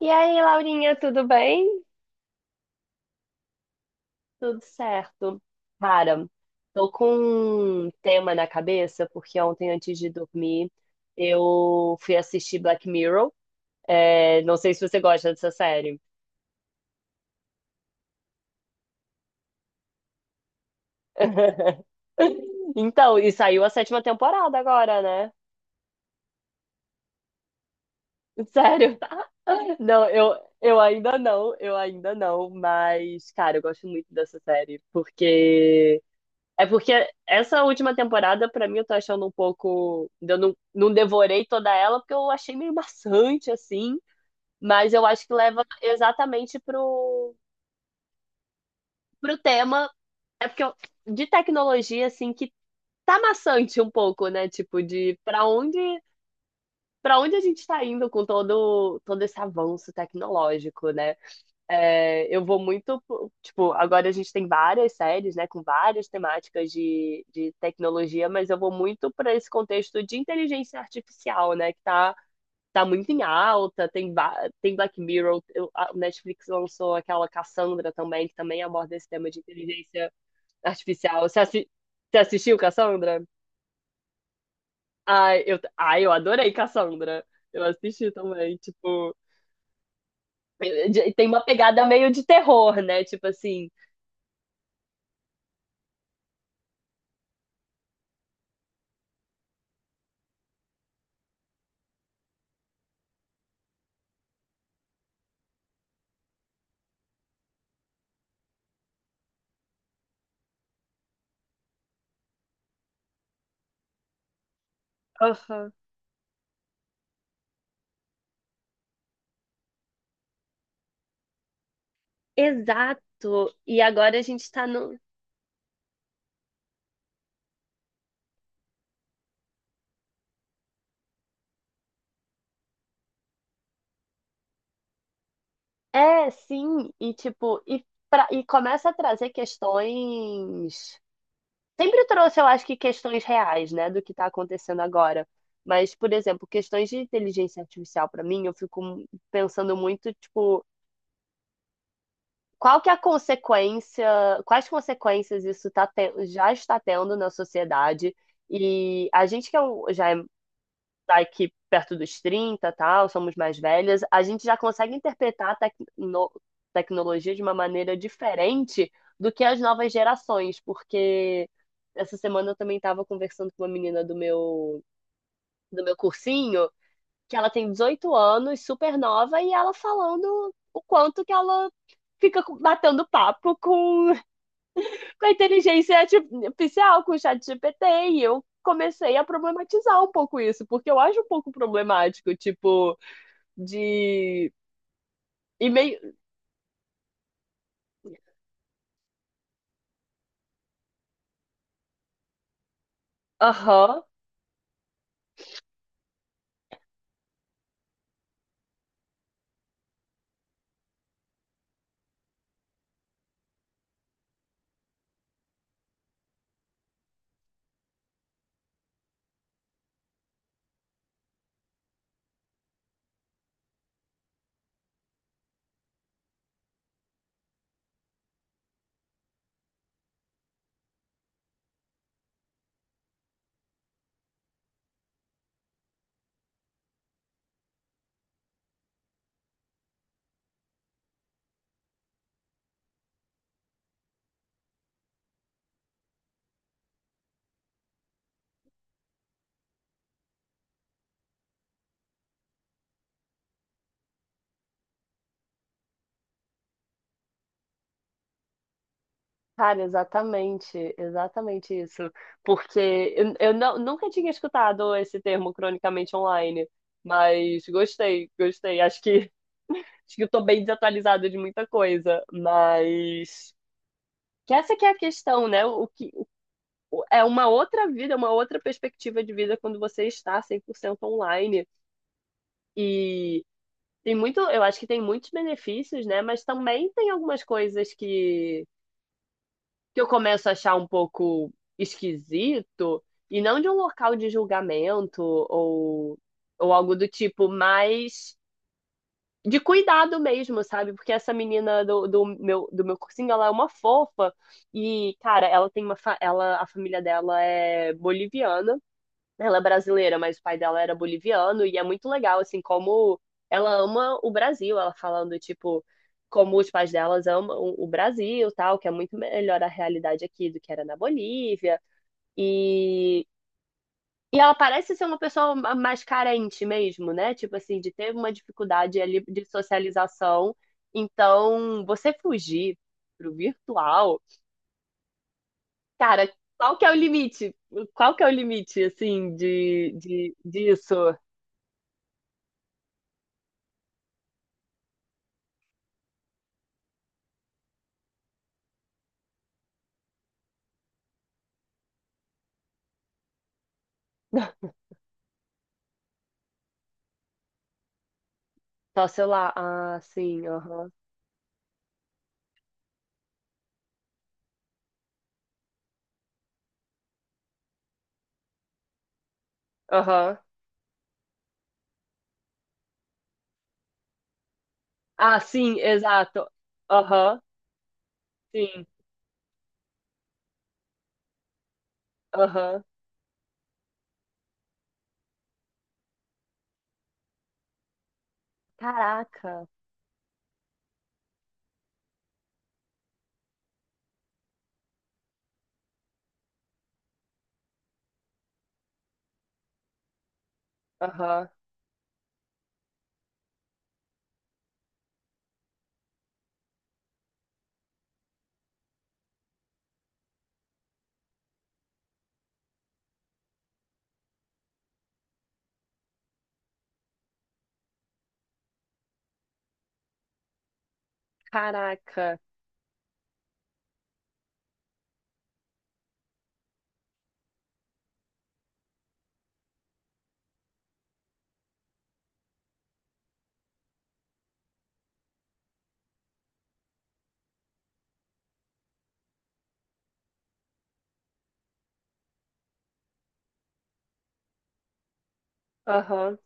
E aí, Laurinha, tudo bem? Tudo certo. Cara, tô com um tema na cabeça, porque ontem, antes de dormir, eu fui assistir Black Mirror. É, não sei se você gosta dessa série. Então, e saiu a sétima temporada agora, né? Sério? Não, eu ainda não, mas, cara, eu gosto muito dessa série, porque essa última temporada, pra mim, eu tô achando um pouco. Eu não devorei toda ela, porque eu achei meio maçante, assim. Mas eu acho que leva exatamente pro tema. É porque eu- de tecnologia, assim, que tá maçante um pouco, né? Tipo, de pra onde a gente tá indo com todo esse avanço tecnológico, né? É, eu vou muito, tipo, agora a gente tem várias séries, né, com várias temáticas de tecnologia, mas eu vou muito para esse contexto de inteligência artificial, né, que tá muito em alta, tem Black Mirror, eu- a o Netflix lançou aquela Cassandra também, que também aborda esse tema de inteligência artificial. Você assistiu Cassandra? Ai, eu adorei Cassandra. Eu assisti também, tipo, tem uma pegada meio de terror, né, tipo assim... Aham. Exato. E agora a gente tá no. É, sim. E tipo, e, pra... E começa a trazer questões. Sempre trouxe, eu acho que questões reais, né, do que tá acontecendo agora. Mas, por exemplo, questões de inteligência artificial, pra mim, eu fico pensando muito, tipo, qual que é a consequência, quais consequências isso já está tendo na sociedade? E a gente que já é da equipe perto dos 30 tal, somos mais velhas, a gente já consegue interpretar a tecnologia de uma maneira diferente do que as novas gerações, porque essa semana eu também estava conversando com uma menina do meu cursinho, que ela tem 18 anos, super nova, e ela falando o quanto que ela fica batendo papo com a inteligência artificial, com o chat GPT, e eu comecei a problematizar um pouco isso, porque eu acho um pouco problemático, tipo, de e-mail. Aham. Cara, exatamente, exatamente isso. Porque eu não, nunca tinha escutado esse termo cronicamente online, mas gostei, gostei. Acho que eu tô bem desatualizada de muita coisa, mas que essa que é a questão, né? O que, é uma outra vida, é uma outra perspectiva de vida quando você está 100% online. E tem muito, eu acho que tem muitos benefícios, né? Mas também tem algumas coisas que eu começo a achar um pouco esquisito, e não de um local de julgamento ou algo do tipo, mas de cuidado mesmo, sabe? Porque essa menina do meu cursinho, ela é uma fofa, e, cara, ela tem a família dela é boliviana. Ela é brasileira, mas o pai dela era boliviano, e é muito legal, assim, como ela ama o Brasil, ela falando, tipo, como os pais delas amam o Brasil, tal, que é muito melhor a realidade aqui do que era na Bolívia. E, e ela parece ser uma pessoa mais carente mesmo, né? Tipo assim, de ter uma dificuldade ali de socialização. Então, você fugir pro virtual, cara, qual que é o limite? Qual que é o limite, assim, disso? Só celular. Ah, sim, aham. Aham. Ah, sim, exato. Aham, sim, aham. Caraca, aham. Caraca, aham,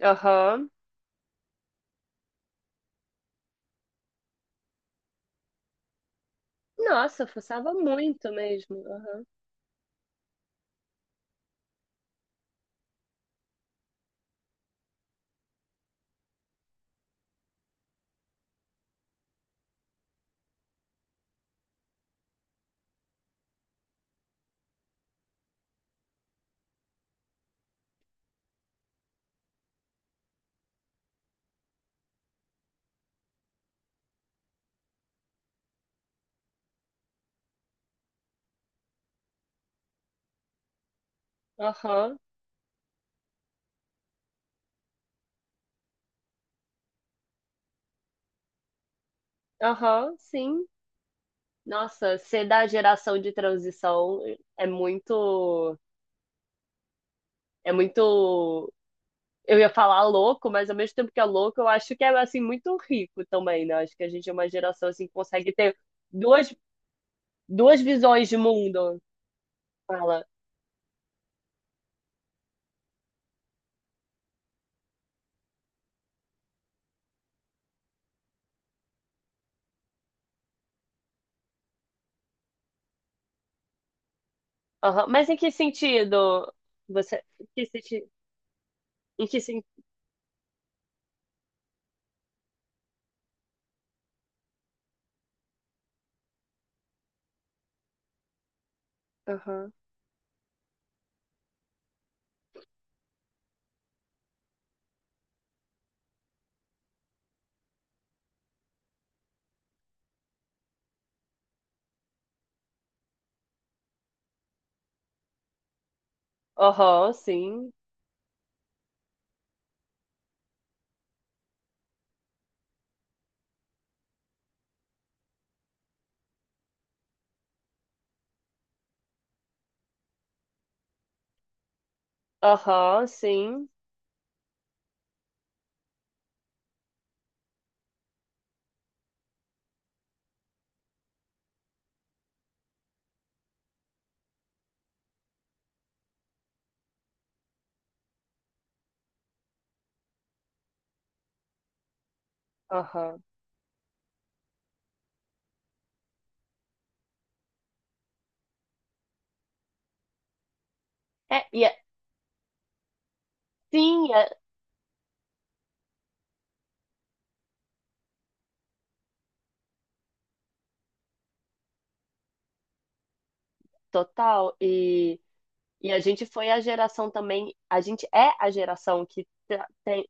aham. Nossa, fuçava muito mesmo. Aham, aham, aham, sim. Nossa, ser da geração de transição é muito, é muito. Eu ia falar louco, mas ao mesmo tempo que é louco, eu acho que é assim muito rico também, né? Acho que a gente é uma geração assim que consegue ter duas Duas visões de mundo, fala. Aham. Mas em que sentido? Você. Em que sentido? Em que sentido? Aham. Aham, sim. Aham, sim. Aham. É, sim, é total. E a gente foi a geração também. A gente é a geração que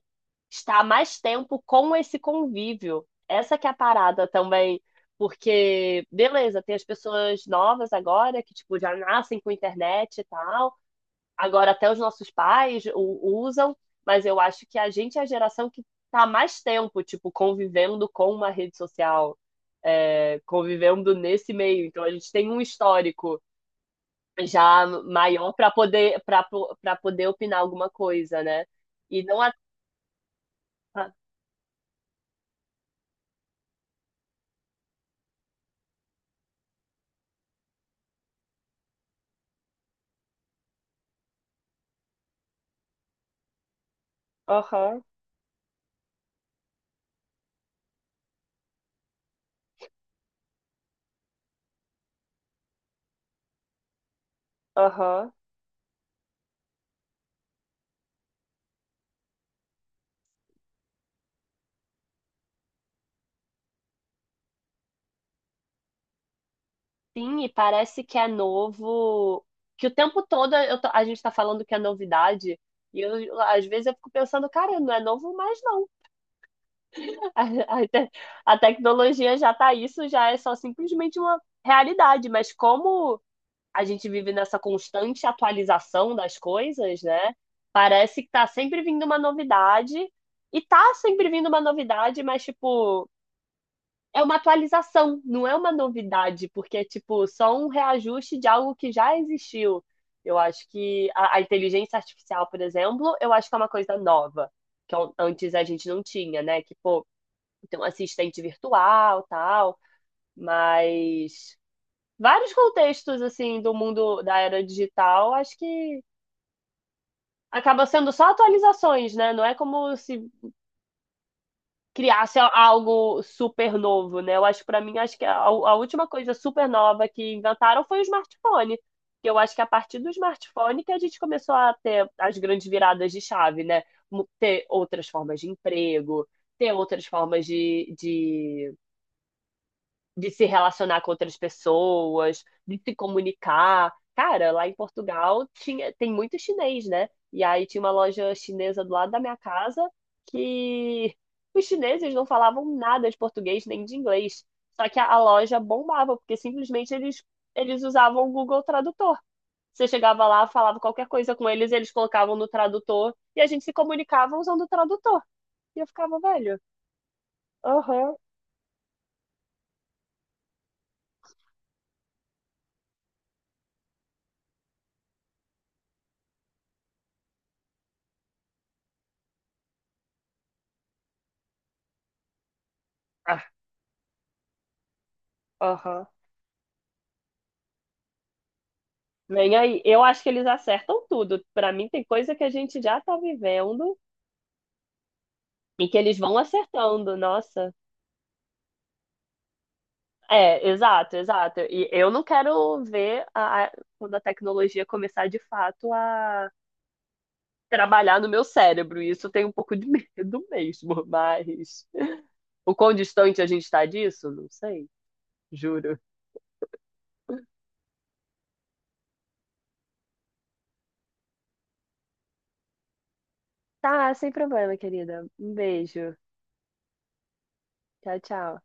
está há mais tempo com esse convívio. Essa que é a parada também. Porque, beleza, tem as pessoas novas agora que, tipo, já nascem com internet e tal. Agora, até os nossos pais usam, mas eu acho que a gente é a geração que está há mais tempo, tipo, convivendo com uma rede social, é, convivendo nesse meio. Então, a gente tem um histórico já maior para poder, para poder opinar alguma coisa, né? E não a... a- Aham, aham. Sim, e parece que é novo, que o tempo todo a gente está falando que é novidade, e eu, às vezes eu fico pensando, cara, não é novo mais não. A, a te- a tecnologia já está isso, já é só simplesmente uma realidade, mas como a gente vive nessa constante atualização das coisas, né? Parece que está sempre vindo uma novidade, e está sempre vindo uma novidade, mas tipo, é uma atualização, não é uma novidade, porque é tipo só um reajuste de algo que já existiu. Eu acho que a inteligência artificial, por exemplo, eu acho que é uma coisa nova, que antes a gente não tinha, né? Que, pô, tem um assistente virtual, tal, mas vários contextos assim do mundo da era digital, acho que acaba sendo só atualizações, né? Não é como se criasse algo super novo, né? Eu acho que para mim acho que a última coisa super nova que inventaram foi o smartphone. Que eu acho que a partir do smartphone que a gente começou a ter as grandes viradas de chave, né? Ter outras formas de emprego, ter outras formas de se relacionar com outras pessoas, de se comunicar. Cara, lá em Portugal tinha, tem muito chinês, né? E aí tinha uma loja chinesa do lado da minha casa que os chineses não falavam nada de português nem de inglês. Só que a loja bombava, porque simplesmente eles usavam o Google Tradutor. Você chegava lá, falava qualquer coisa com eles, eles colocavam no tradutor e a gente se comunicava usando o tradutor. E eu ficava, velho, aham, ah, aham. Vem aí. Eu acho que eles acertam tudo. Pra mim, tem coisa que a gente já tá vivendo e que eles vão acertando. Nossa. É, exato, exato. E eu não quero ver quando a tecnologia começar de fato a trabalhar no meu cérebro. Isso eu tenho um pouco de medo mesmo, mas o quão distante a gente tá disso? Não sei, juro. Tá, sem problema, querida. Um beijo. Tchau, tchau.